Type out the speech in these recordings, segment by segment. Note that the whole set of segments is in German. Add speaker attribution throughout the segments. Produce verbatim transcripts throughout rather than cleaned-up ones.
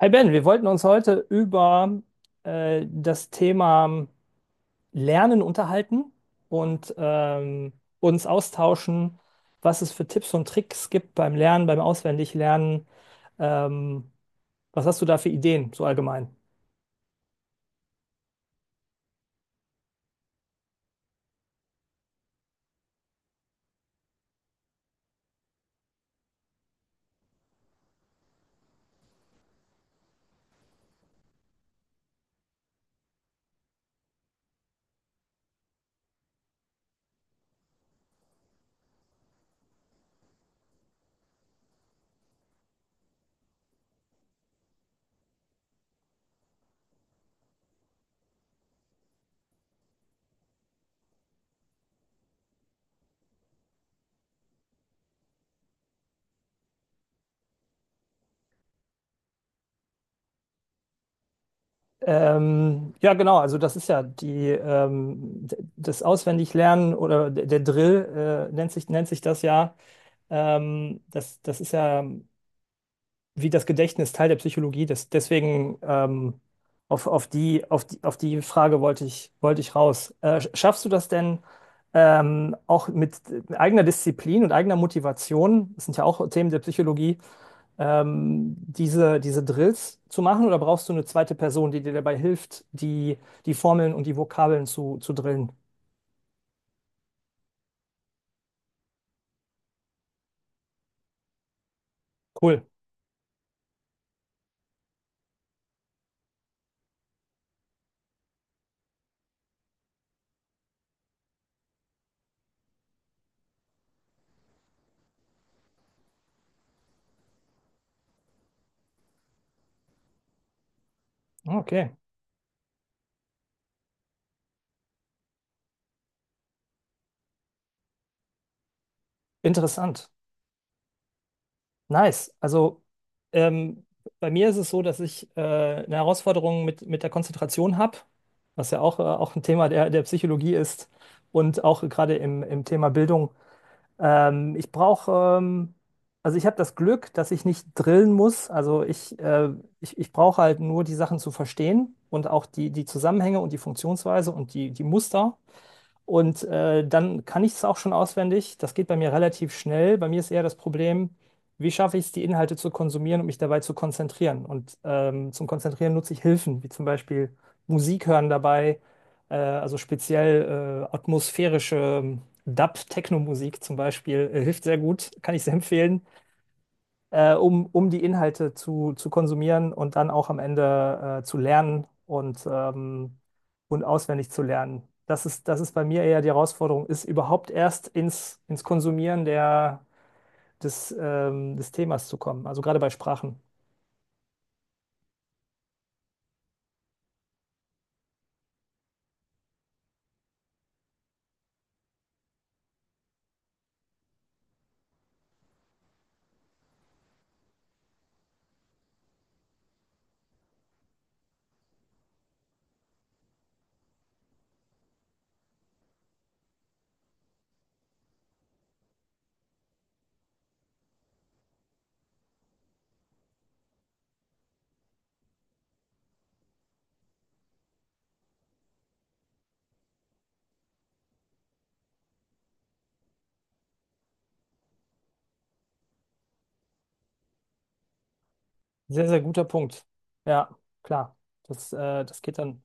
Speaker 1: Hi Ben, wir wollten uns heute über äh, das Thema Lernen unterhalten und ähm, uns austauschen, was es für Tipps und Tricks gibt beim Lernen, beim Auswendiglernen. Ähm, Was hast du da für Ideen, so allgemein? Ähm, ja, genau, also das ist ja die, ähm, d- das Auswendiglernen oder d- der Drill äh, nennt sich, nennt sich das ja. Ähm, das, das ist ja. wie das Gedächtnis Teil der Psychologie ist. Deswegen ähm, auf, auf die, auf die, auf die Frage wollte ich, wollte ich raus. Äh, schaffst du das denn ähm, auch mit eigener Disziplin und eigener Motivation? Das sind ja auch Themen der Psychologie, ähm, diese, diese Drills zu machen, oder brauchst du eine zweite Person, die dir dabei hilft, die, die Formeln und die Vokabeln zu, zu drillen? Cool. Okay, interessant. Nice. Also ähm, bei mir ist es so, dass ich äh, eine Herausforderung mit, mit der Konzentration habe, was ja auch, äh, auch ein Thema der, der Psychologie ist und auch gerade im, im Thema Bildung. Ähm, ich brauche, ähm, also ich habe das Glück, dass ich nicht drillen muss. Also ich, äh, ich, ich brauche halt nur die Sachen zu verstehen und auch die, die Zusammenhänge und die Funktionsweise und die, die Muster. Und äh, dann kann ich es auch schon auswendig. Das geht bei mir relativ schnell. Bei mir ist eher das Problem, wie schaffe ich es, die Inhalte zu konsumieren und mich dabei zu konzentrieren. Und ähm, zum Konzentrieren nutze ich Hilfen, wie zum Beispiel Musik hören dabei, äh, also speziell äh, atmosphärische ähm, Dub-Techno-Musik zum Beispiel, äh, hilft sehr gut, kann ich sehr empfehlen, äh, um, um die Inhalte zu, zu konsumieren und dann auch am Ende äh, zu lernen und, ähm, und auswendig zu lernen. Das ist, das ist bei mir eher die Herausforderung, ist überhaupt erst ins, ins Konsumieren der, des, ähm, des Themas zu kommen. Also gerade bei Sprachen. Sehr, sehr guter Punkt. Ja, klar. Das, äh, das geht dann.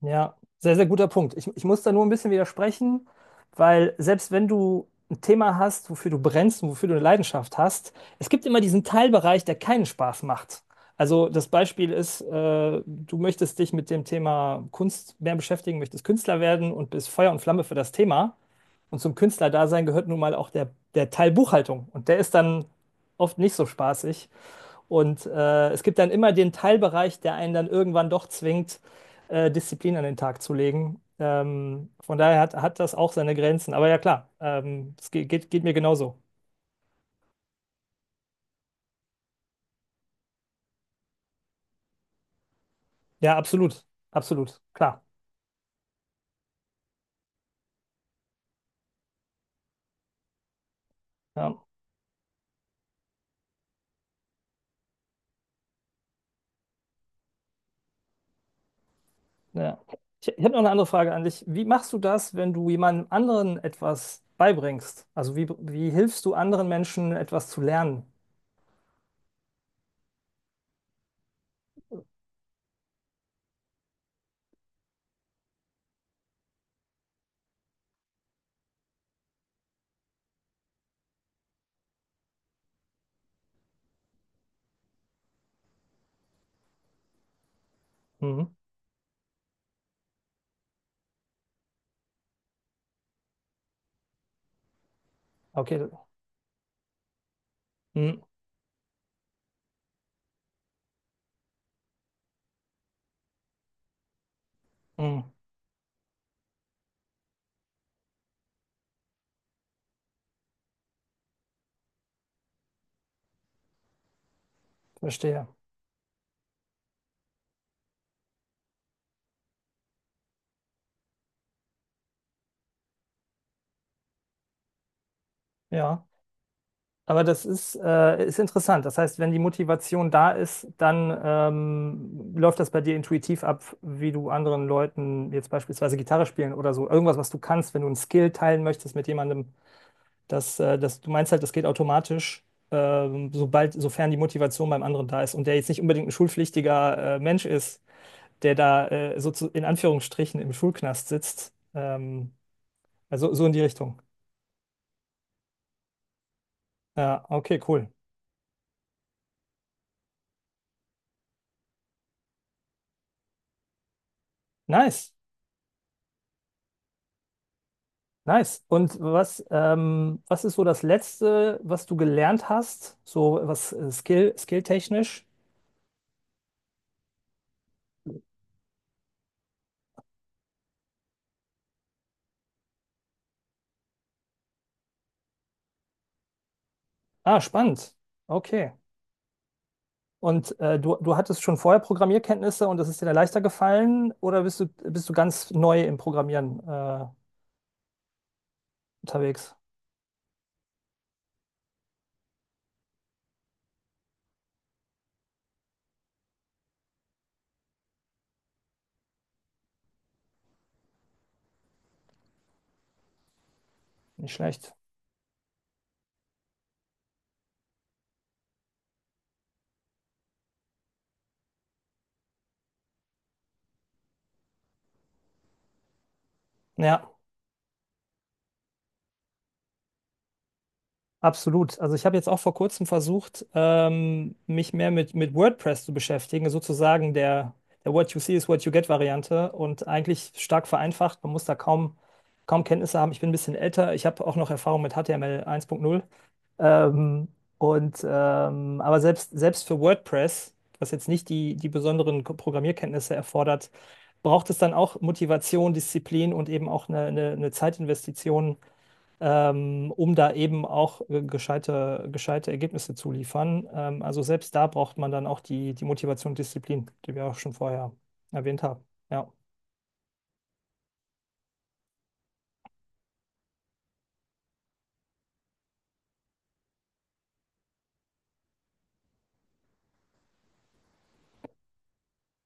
Speaker 1: Ja, sehr, sehr guter Punkt. Ich, ich muss da nur ein bisschen widersprechen, weil selbst wenn du ein Thema hast, wofür du brennst und wofür du eine Leidenschaft hast, es gibt immer diesen Teilbereich, der keinen Spaß macht. Also das Beispiel ist, äh, du möchtest dich mit dem Thema Kunst mehr beschäftigen, möchtest Künstler werden und bist Feuer und Flamme für das Thema. Und zum Künstlerdasein gehört nun mal auch der, der Teil Buchhaltung. Und der ist dann oft nicht so spaßig. Und äh, es gibt dann immer den Teilbereich, der einen dann irgendwann doch zwingt, äh, Disziplin an den Tag zu legen. Ähm, von daher hat, hat das auch seine Grenzen. Aber ja, klar, ähm, es ge- geht, geht mir genauso. Ja, absolut. Absolut. Klar. Ja, ja. Ich, ich habe noch eine andere Frage an dich. Wie machst du das, wenn du jemandem anderen etwas beibringst? Also wie, wie hilfst du anderen Menschen, etwas zu lernen? Mhm. Okay. Mhm. Mhm. Verstehe. Ja. Aber das ist, äh, ist interessant. Das heißt, wenn die Motivation da ist, dann ähm, läuft das bei dir intuitiv ab, wie du anderen Leuten jetzt beispielsweise Gitarre spielen oder so. Irgendwas, was du kannst, wenn du einen Skill teilen möchtest mit jemandem, das, äh, das, du meinst halt, das geht automatisch, ähm, sobald, sofern die Motivation beim anderen da ist und der jetzt nicht unbedingt ein schulpflichtiger äh, Mensch ist, der da äh, so zu, in Anführungsstrichen, im Schulknast sitzt. Ähm, also so in die Richtung. Ja, okay, cool. Nice. Nice. Und was, ähm, was ist so das Letzte, was du gelernt hast? So was äh, Skill, skilltechnisch? Ah, spannend. Okay. Und äh, du, du hattest schon vorher Programmierkenntnisse und das ist dir dann leichter gefallen, oder bist du, bist du ganz neu im Programmieren äh, unterwegs? Nicht schlecht. Ja. Absolut. Also ich habe jetzt auch vor kurzem versucht, ähm, mich mehr mit, mit WordPress zu beschäftigen, sozusagen der, der What you see is what you get Variante, und eigentlich stark vereinfacht. Man muss da kaum, kaum Kenntnisse haben. Ich bin ein bisschen älter. Ich habe auch noch Erfahrung mit H T M L eins Punkt null. Ähm, und ähm, aber selbst, selbst für WordPress, was jetzt nicht die, die besonderen Ko- Programmierkenntnisse erfordert, braucht es dann auch Motivation, Disziplin und eben auch eine, eine, eine Zeitinvestition, ähm, um da eben auch äh, gescheite, gescheite Ergebnisse zu liefern. Ähm, also selbst da braucht man dann auch die, die Motivation und Disziplin, die wir auch schon vorher erwähnt haben. Ja.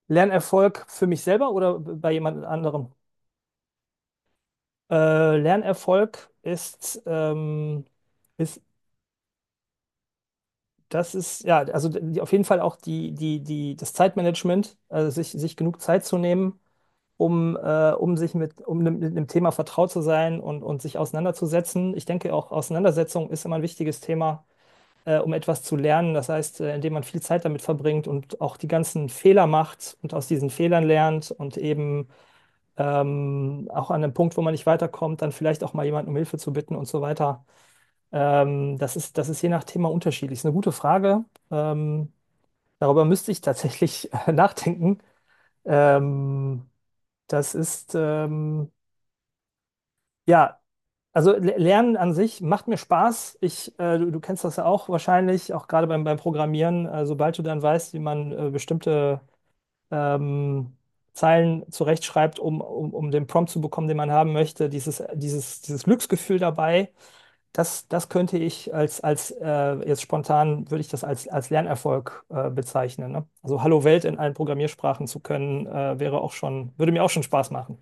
Speaker 1: Lernerfolg für mich selber oder bei jemand anderem? Äh, Lernerfolg ist, ähm, ist, das ist, ja, also die, auf jeden Fall auch die, die, die, das Zeitmanagement, also sich, sich genug Zeit zu nehmen, um, äh, um sich mit, um nem- mit einem Thema vertraut zu sein und, und sich auseinanderzusetzen. Ich denke auch, Auseinandersetzung ist immer ein wichtiges Thema, äh, um etwas zu lernen. Das heißt, äh, indem man viel Zeit damit verbringt und auch die ganzen Fehler macht und aus diesen Fehlern lernt und eben ähm, auch an einem Punkt, wo man nicht weiterkommt, dann vielleicht auch mal jemanden um Hilfe zu bitten und so weiter. Ähm, das ist, das ist je nach Thema unterschiedlich. Ist eine gute Frage. Ähm, darüber müsste ich tatsächlich nachdenken. Ähm, das ist, ähm, Ja, also Le- Lernen an sich macht mir Spaß. Ich, äh, du, du kennst das ja auch wahrscheinlich, auch gerade beim, beim Programmieren. Äh, sobald du dann weißt, wie man äh, bestimmte ähm, Zeilen zurechtschreibt, um, um, um den Prompt zu bekommen, den man haben möchte, dieses, dieses, dieses Glücksgefühl dabei, das, das könnte ich als, als äh, jetzt spontan, würde ich das als, als Lernerfolg äh, bezeichnen. Ne? Also Hallo Welt in allen Programmiersprachen zu können, äh, wäre auch schon, würde mir auch schon Spaß machen.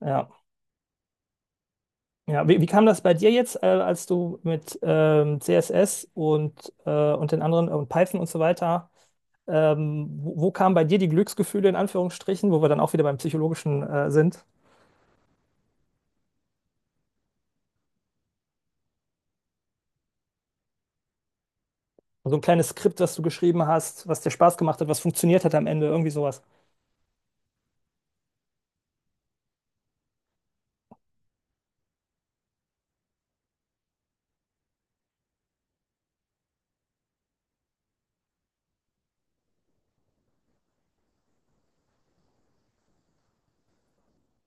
Speaker 1: Ja. Ja, wie, wie kam das bei dir jetzt, äh, als du mit ähm, C S S und, äh, und den anderen äh, und Python und so weiter, ähm, wo, wo kamen bei dir die Glücksgefühle in Anführungsstrichen, wo wir dann auch wieder beim Psychologischen äh, sind? So ein kleines Skript, was du geschrieben hast, was dir Spaß gemacht hat, was funktioniert hat am Ende, irgendwie sowas.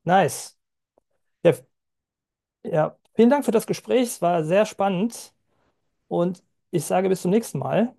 Speaker 1: Nice. Ja, f- ja, vielen Dank für das Gespräch, es war sehr spannend, und ich sage bis zum nächsten Mal.